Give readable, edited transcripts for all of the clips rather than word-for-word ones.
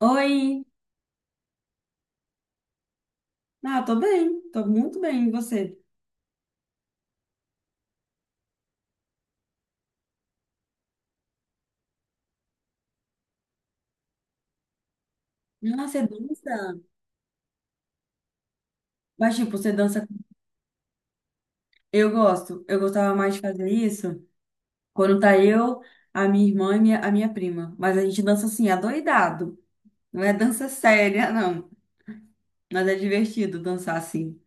Oi! Ah, tô bem, tô muito bem. E você? Ah, você dança? Mas, tipo, você dança. Eu gosto, eu gostava mais de fazer isso quando tá eu, a minha irmã e a minha prima. Mas a gente dança assim, adoidado. Não é dança séria, não. Mas é divertido dançar assim.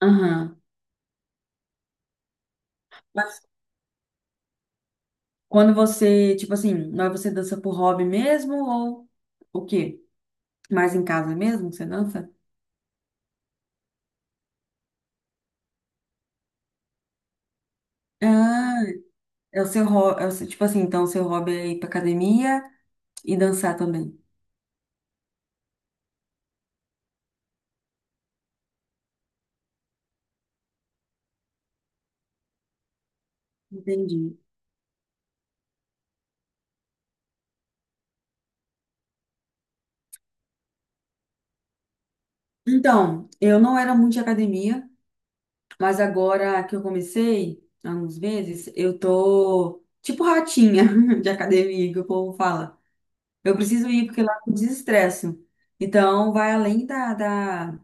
Aham. Mas quando você, tipo assim, não é você dança por hobby mesmo ou o quê? Mais em casa mesmo que você dança? Ah, é o seu hobby, tipo assim, então o seu hobby é ir pra academia e dançar também. Entendi. Então, eu não era muito de academia, mas agora que eu comecei, há uns meses, eu tô tipo ratinha de academia, que o povo fala. Eu preciso ir porque lá eu desestresso. Então, vai além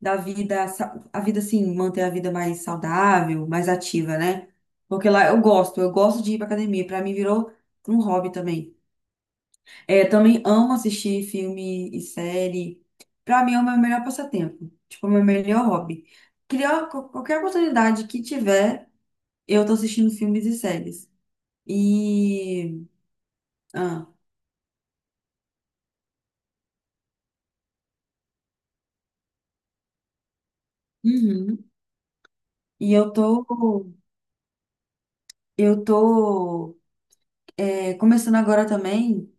da vida, a vida assim, manter a vida mais saudável, mais ativa, né? Porque lá eu gosto de ir pra academia. Pra mim virou um hobby também. É, também amo assistir filme e série. Pra mim é o meu melhor passatempo. Tipo, o meu melhor hobby. Criar qualquer oportunidade que tiver, eu tô assistindo filmes e séries. E. Ah, uhum. E eu tô. Eu tô. É, começando agora também.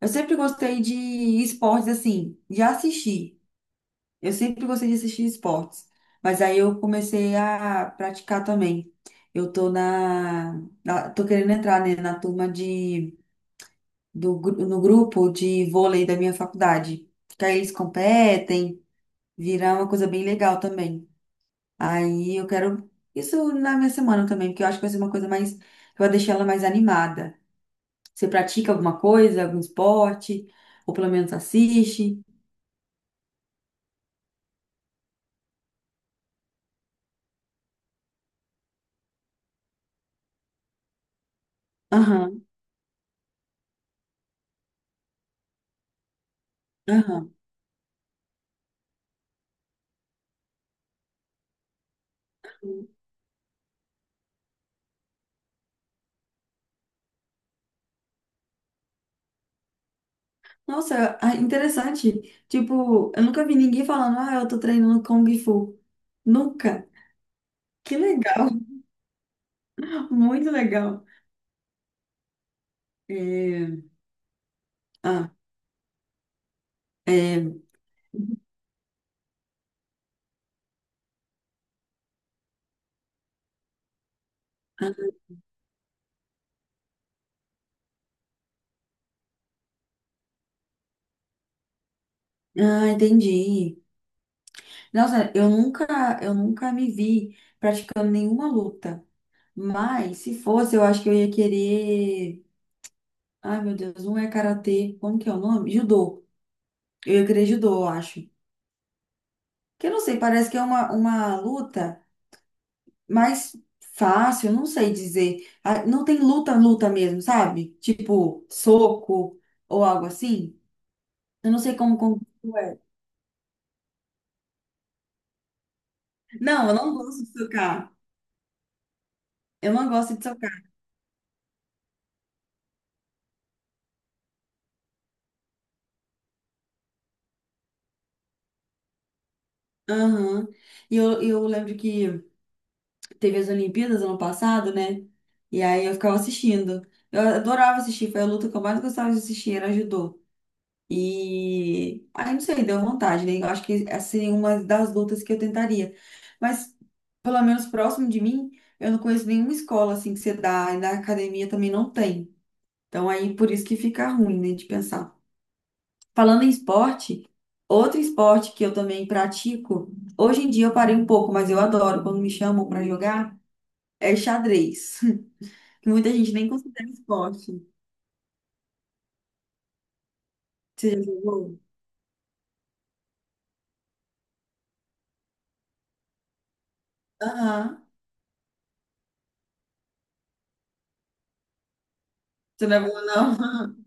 Eu sempre gostei de esportes assim, de assistir. Eu sempre gostei de assistir esportes, mas aí eu comecei a praticar também. Eu tô na, na- Tô querendo entrar, né, na turma de no grupo de vôlei da minha faculdade. Que aí eles competem, virar uma coisa bem legal também. Aí eu quero isso na minha semana também, porque eu acho que vai ser uma coisa mais que vai deixar ela mais animada. Você pratica alguma coisa, algum esporte, ou pelo menos assiste? Aham, aham. Nossa, ah, interessante. Tipo, eu nunca vi ninguém falando, ah, eu tô treinando Kung Fu. Nunca. Que legal, muito legal. É, ah, é, ah, ah, entendi. Nossa, eu nunca me vi praticando nenhuma luta. Mas se fosse, eu acho que eu ia querer. Ai, meu Deus, um é karatê. Como que é o nome? Judô. Eu ia querer judô, eu acho. Que eu não sei, parece que é uma luta mais fácil, não sei dizer. Ah, não tem luta, luta mesmo, sabe? Tipo, soco ou algo assim. Eu não sei como é. Não, eu não gosto de socar. Eu não gosto de socar. Aham. E eu lembro que teve as Olimpíadas ano passado, né? E aí eu ficava assistindo. Eu adorava assistir, foi a luta que eu mais gostava de assistir, era judô. E aí, não sei, deu vontade, né? Eu acho que essa seria uma das lutas que eu tentaria. Mas, pelo menos próximo de mim, eu não conheço nenhuma escola assim que você dá, e na academia também não tem. Então, aí por isso que fica ruim, né, de pensar. Falando em esporte, outro esporte que eu também pratico, hoje em dia eu parei um pouco, mas eu adoro quando me chamam para jogar, é xadrez. Que muita gente nem considera esporte. Você já jogou? Aham. Você não é boa, não?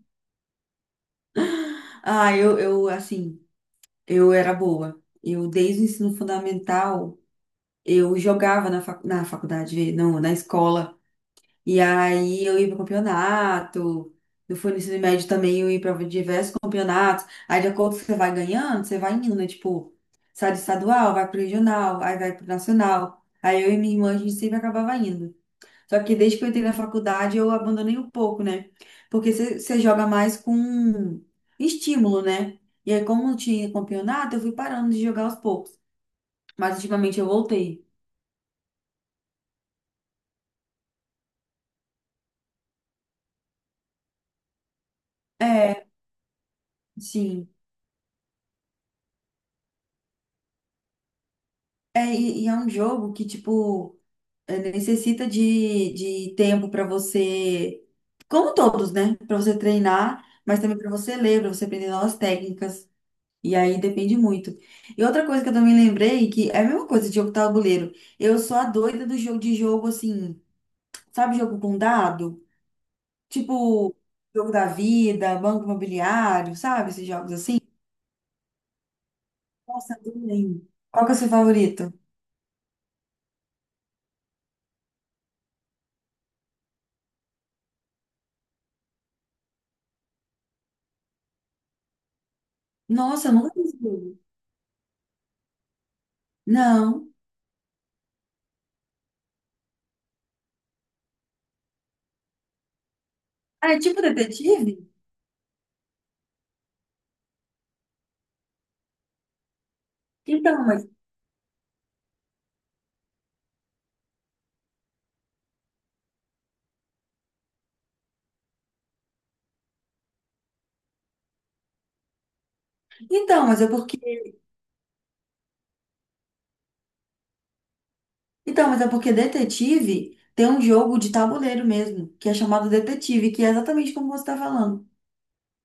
Ah, eu assim. Eu era boa. Eu, desde o ensino fundamental, eu jogava na faculdade, não, na escola. E aí eu ia para campeonato. Eu fui no ensino médio também, eu ia para diversos campeonatos. Aí, de acordo com o que você vai ganhando, você vai indo, né? Tipo, sai do estadual, vai pro regional, aí vai pro nacional. Aí eu e minha irmã, a gente sempre acabava indo. Só que desde que eu entrei na faculdade, eu abandonei um pouco, né? Porque você joga mais com estímulo, né? E aí, como não tinha campeonato, eu fui parando de jogar aos poucos. Mas ultimamente eu voltei. É, sim. É, e é um jogo que, tipo, é, necessita de tempo pra você, como todos, né? Pra você treinar, mas também pra você ler, pra você aprender novas técnicas. E aí depende muito. E outra coisa que eu também lembrei, que é a mesma coisa de jogo tabuleiro. Eu sou a doida do jogo, assim, sabe, jogo com dado? Tipo, jogo da vida, banco imobiliário, sabe? Esses jogos assim. Nossa, adorei. Qual que é o seu favorito? Nossa, eu nunca vi esse jogo. Não. Ah, é tipo detetive? Então, mas. Então, mas é porque. Então, mas é porque detetive tem um jogo de tabuleiro mesmo, que é chamado detetive, que é exatamente como você está falando.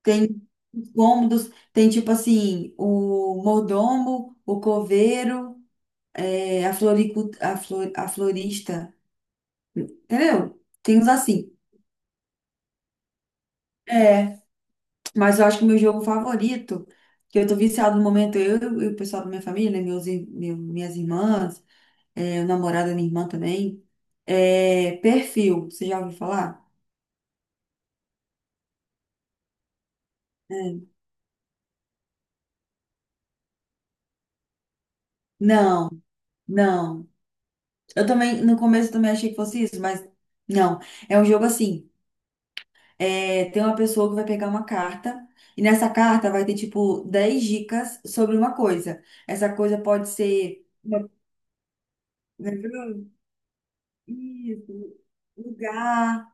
Tem os cômodos, tem tipo assim, o mordomo, o coveiro, é, a florista, entendeu? Tem uns assim. É, mas eu acho que o meu jogo favorito, que eu tô viciado no momento, eu e o pessoal da minha família, né, minhas irmãs, é, o namorado da minha irmã também, é perfil, você já ouviu falar? É. Não, não. Eu também, no começo eu também achei que fosse isso, mas não. É um jogo assim. É, tem uma pessoa que vai pegar uma carta, e nessa carta vai ter, tipo, 10 dicas sobre uma coisa. Essa coisa pode ser. Lembrou? Isso, lugar,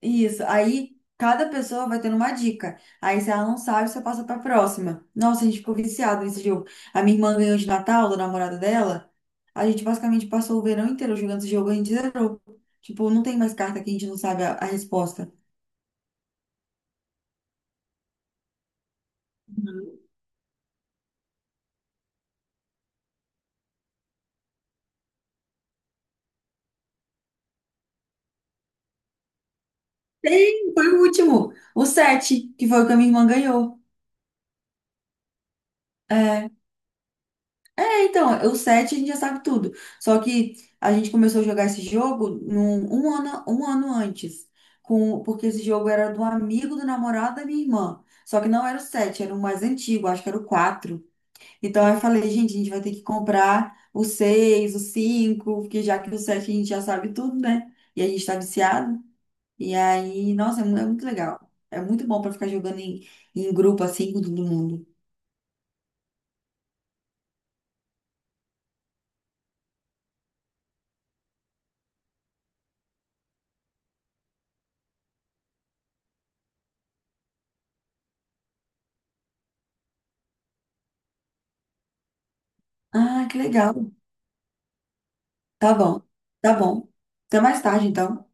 isso. Aí cada pessoa vai tendo uma dica. Aí se ela não sabe, você passa pra próxima. Nossa, a gente ficou viciado nesse jogo. A minha irmã ganhou de Natal, do namorado dela. A gente basicamente passou o verão inteiro jogando esse jogo, a gente zerou. Tipo, não tem mais carta que a gente não sabe a resposta. Tem, foi o último. O 7, que foi o que a minha irmã ganhou. É, então, o 7 a gente já sabe tudo. Só que a gente começou a jogar esse jogo um ano antes. Porque esse jogo era do amigo do namorado da minha irmã. Só que não era o 7, era o mais antigo, acho que era o 4. Então eu falei, gente, a gente vai ter que comprar o 6, o 5, porque já que o 7 a gente já sabe tudo, né? E a gente tá viciado. E aí, nossa, é muito legal. É muito bom pra ficar jogando em grupo assim com todo mundo. Ah, que legal. Tá bom. Tá bom. Até mais tarde, então.